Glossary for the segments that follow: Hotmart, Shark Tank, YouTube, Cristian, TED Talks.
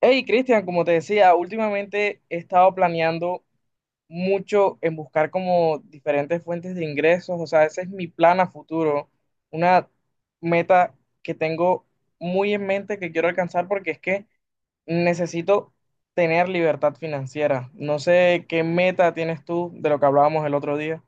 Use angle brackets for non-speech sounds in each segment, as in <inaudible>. Hey, Cristian, como te decía, últimamente he estado planeando mucho en buscar como diferentes fuentes de ingresos, o sea, ese es mi plan a futuro, una meta que tengo muy en mente que quiero alcanzar porque es que necesito tener libertad financiera. No sé qué meta tienes tú de lo que hablábamos el otro día.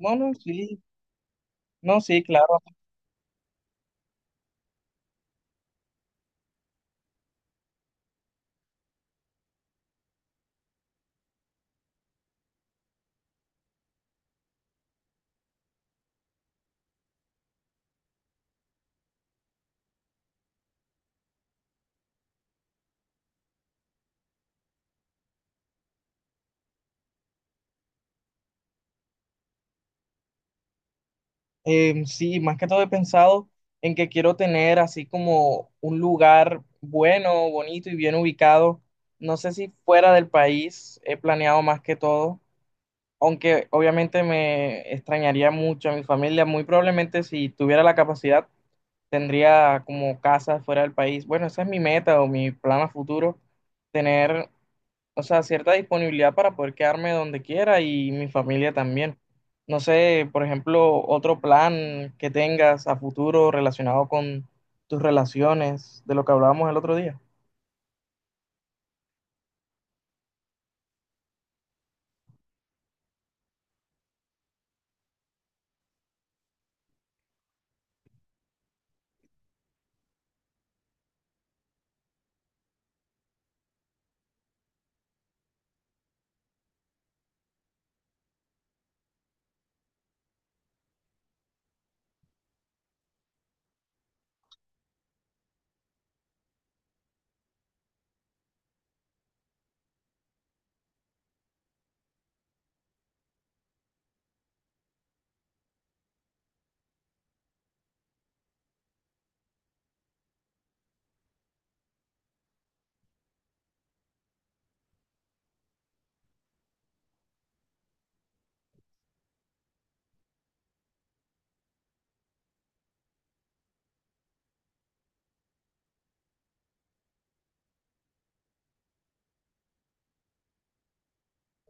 No, no, sí, no, sí, claro. Sí, más que todo he pensado en que quiero tener así como un lugar bueno, bonito y bien ubicado. No sé si fuera del país he planeado más que todo, aunque obviamente me extrañaría mucho a mi familia. Muy probablemente si tuviera la capacidad tendría como casa fuera del país. Bueno, esa es mi meta o mi plan a futuro, tener, o sea, cierta disponibilidad para poder quedarme donde quiera y mi familia también. No sé, por ejemplo, otro plan que tengas a futuro relacionado con tus relaciones, de lo que hablábamos el otro día.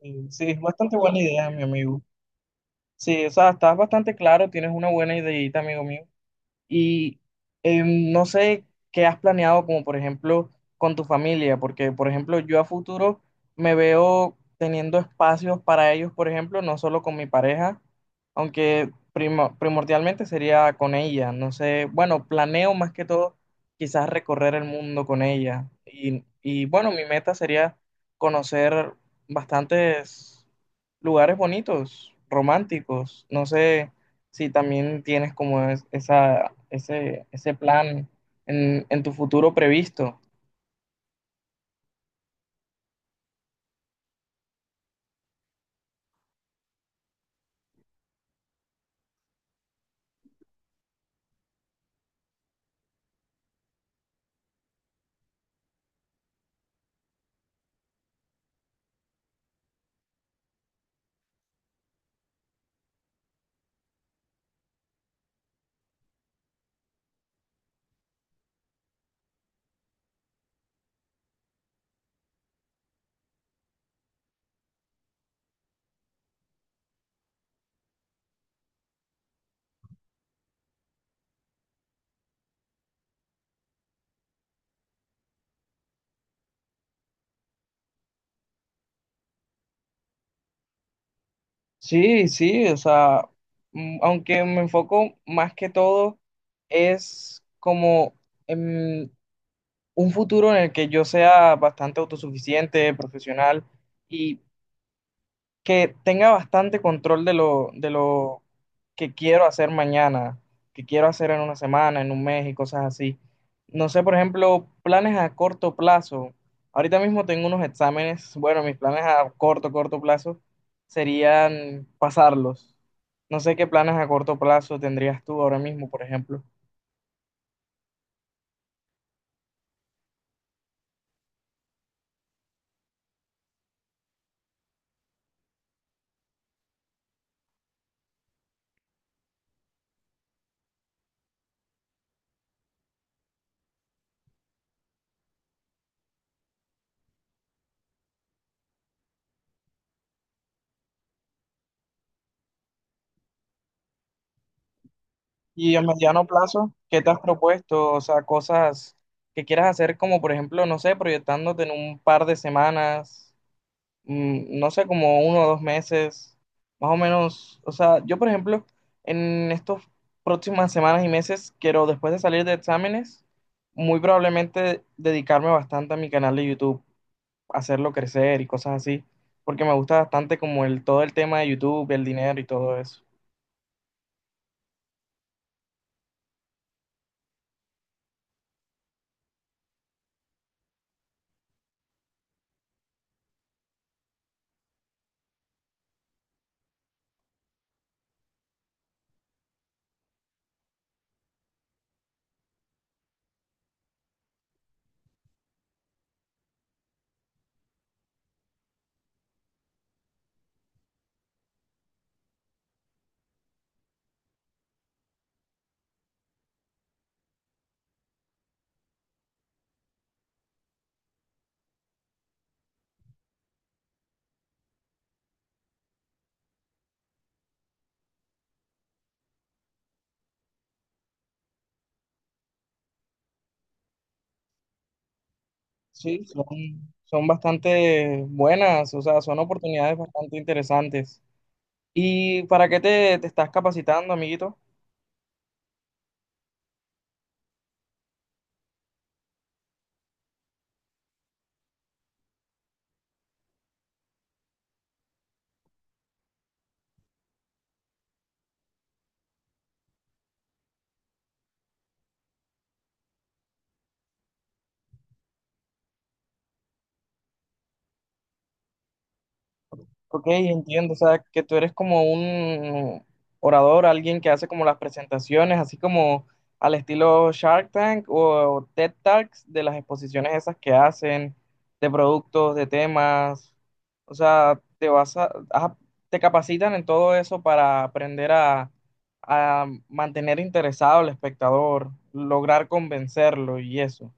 Y sí, es bastante buena idea, mi amigo. Sí, o sea, estás bastante claro, tienes una buena ideita, amigo mío. Y no sé qué has planeado, como por ejemplo con tu familia, porque por ejemplo yo a futuro me veo teniendo espacios para ellos, por ejemplo, no solo con mi pareja, aunque primordialmente sería con ella. No sé, bueno, planeo más que todo quizás recorrer el mundo con ella. Y bueno, mi meta sería conocer bastantes lugares bonitos, románticos. No sé si también tienes como ese plan en tu futuro previsto. Sí, sí, o sea, aunque me enfoco más que todo, es como en un futuro en el que yo sea bastante autosuficiente, profesional y que tenga bastante control de de lo que quiero hacer mañana, que quiero hacer en una semana, en un mes y cosas así. No sé, por ejemplo, planes a corto plazo. Ahorita mismo tengo unos exámenes. Bueno, mis planes a corto plazo serían pasarlos. No sé qué planes a corto plazo tendrías tú ahora mismo, por ejemplo. Y a mediano plazo, ¿qué te has propuesto? O sea, cosas que quieras hacer como, por ejemplo, no sé, proyectándote en un par de semanas. No sé, como uno o dos meses, más o menos. O sea, yo, por ejemplo, en estas próximas semanas y meses, quiero, después de salir de exámenes, muy probablemente dedicarme bastante a mi canal de YouTube, hacerlo crecer y cosas así, porque me gusta bastante como todo el tema de YouTube, el dinero y todo eso. Sí, son, Son bastante buenas, o sea, son oportunidades bastante interesantes. ¿Y para qué te estás capacitando, amiguito? Ok, entiendo, o sea, que tú eres como un orador, alguien que hace como las presentaciones, así como al estilo Shark Tank o TED Talks de las exposiciones esas que hacen de productos, de temas, o sea, te vas a, ah, te capacitan en todo eso para aprender a mantener interesado al espectador, lograr convencerlo y eso.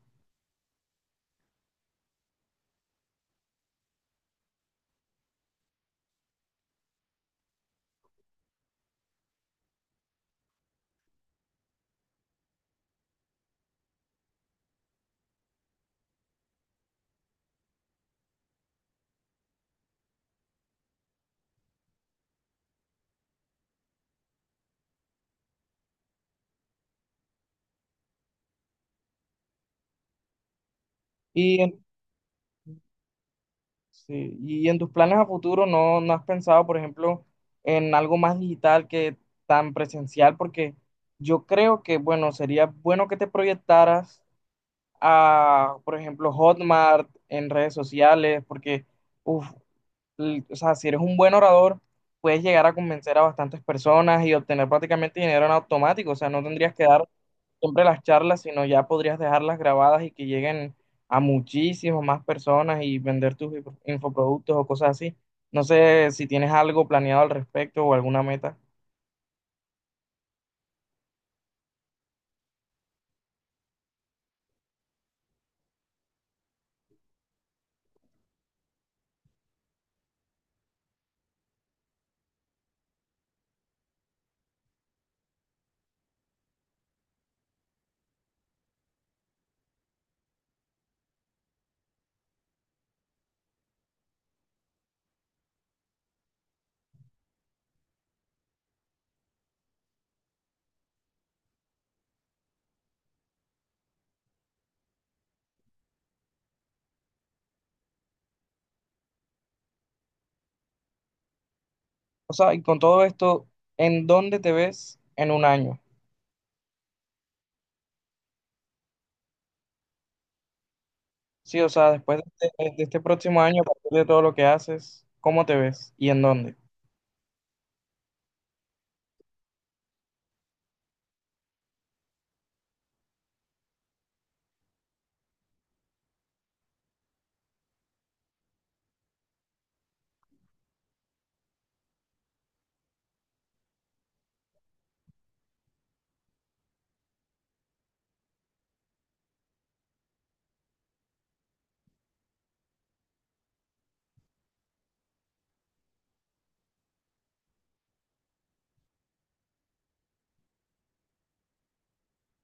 Y sí, y en tus planes a futuro no has pensado, por ejemplo, en algo más digital que tan presencial, porque yo creo que, bueno, sería bueno que te proyectaras a, por ejemplo, Hotmart en redes sociales, porque, uf, o sea, si eres un buen orador, puedes llegar a convencer a bastantes personas y obtener prácticamente dinero en automático, o sea, no tendrías que dar siempre las charlas, sino ya podrías dejarlas grabadas y que lleguen a muchísimas más personas y vender tus infoproductos o cosas así. No sé si tienes algo planeado al respecto o alguna meta. O sea, y con todo esto, ¿en dónde te ves en un año? Sí, o sea, después de de este próximo año, a partir de todo lo que haces, ¿cómo te ves y en dónde?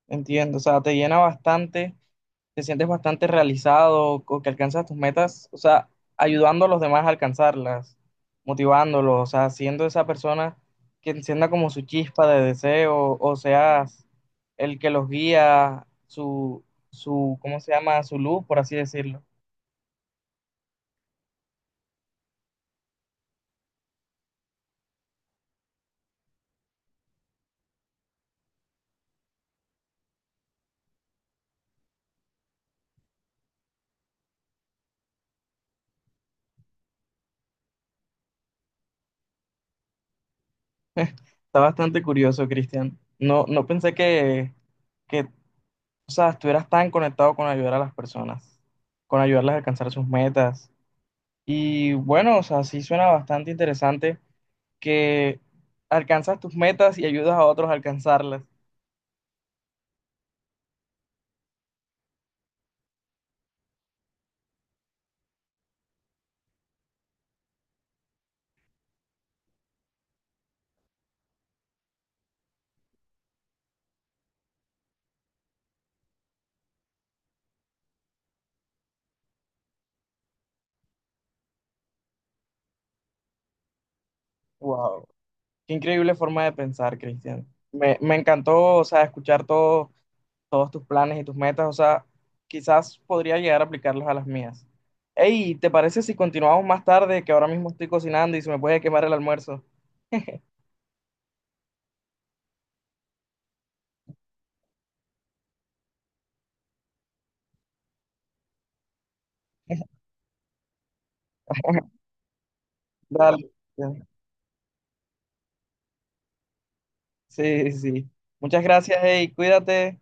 Entiendo, o sea, te llena bastante, te sientes bastante realizado o que alcanzas tus metas, o sea, ayudando a los demás a alcanzarlas, motivándolos, o sea, siendo esa persona que encienda como su chispa de deseo, o seas el que los guía, ¿cómo se llama? Su luz, por así decirlo. Está bastante curioso, Cristian. No, no pensé que, o sea, estuvieras tan conectado con ayudar a las personas, con ayudarlas a alcanzar sus metas. Y bueno, o sea, sí suena bastante interesante que alcanzas tus metas y ayudas a otros a alcanzarlas. Wow, qué increíble forma de pensar, Cristian. Me encantó, o sea, escuchar todos tus planes y tus metas, o sea, quizás podría llegar a aplicarlos a las mías. Hey, ¿te parece si continuamos más tarde, que ahora mismo estoy cocinando y se me puede quemar el almuerzo? <laughs> Dale. Sí, sí, sí. Muchas gracias, hey, cuídate.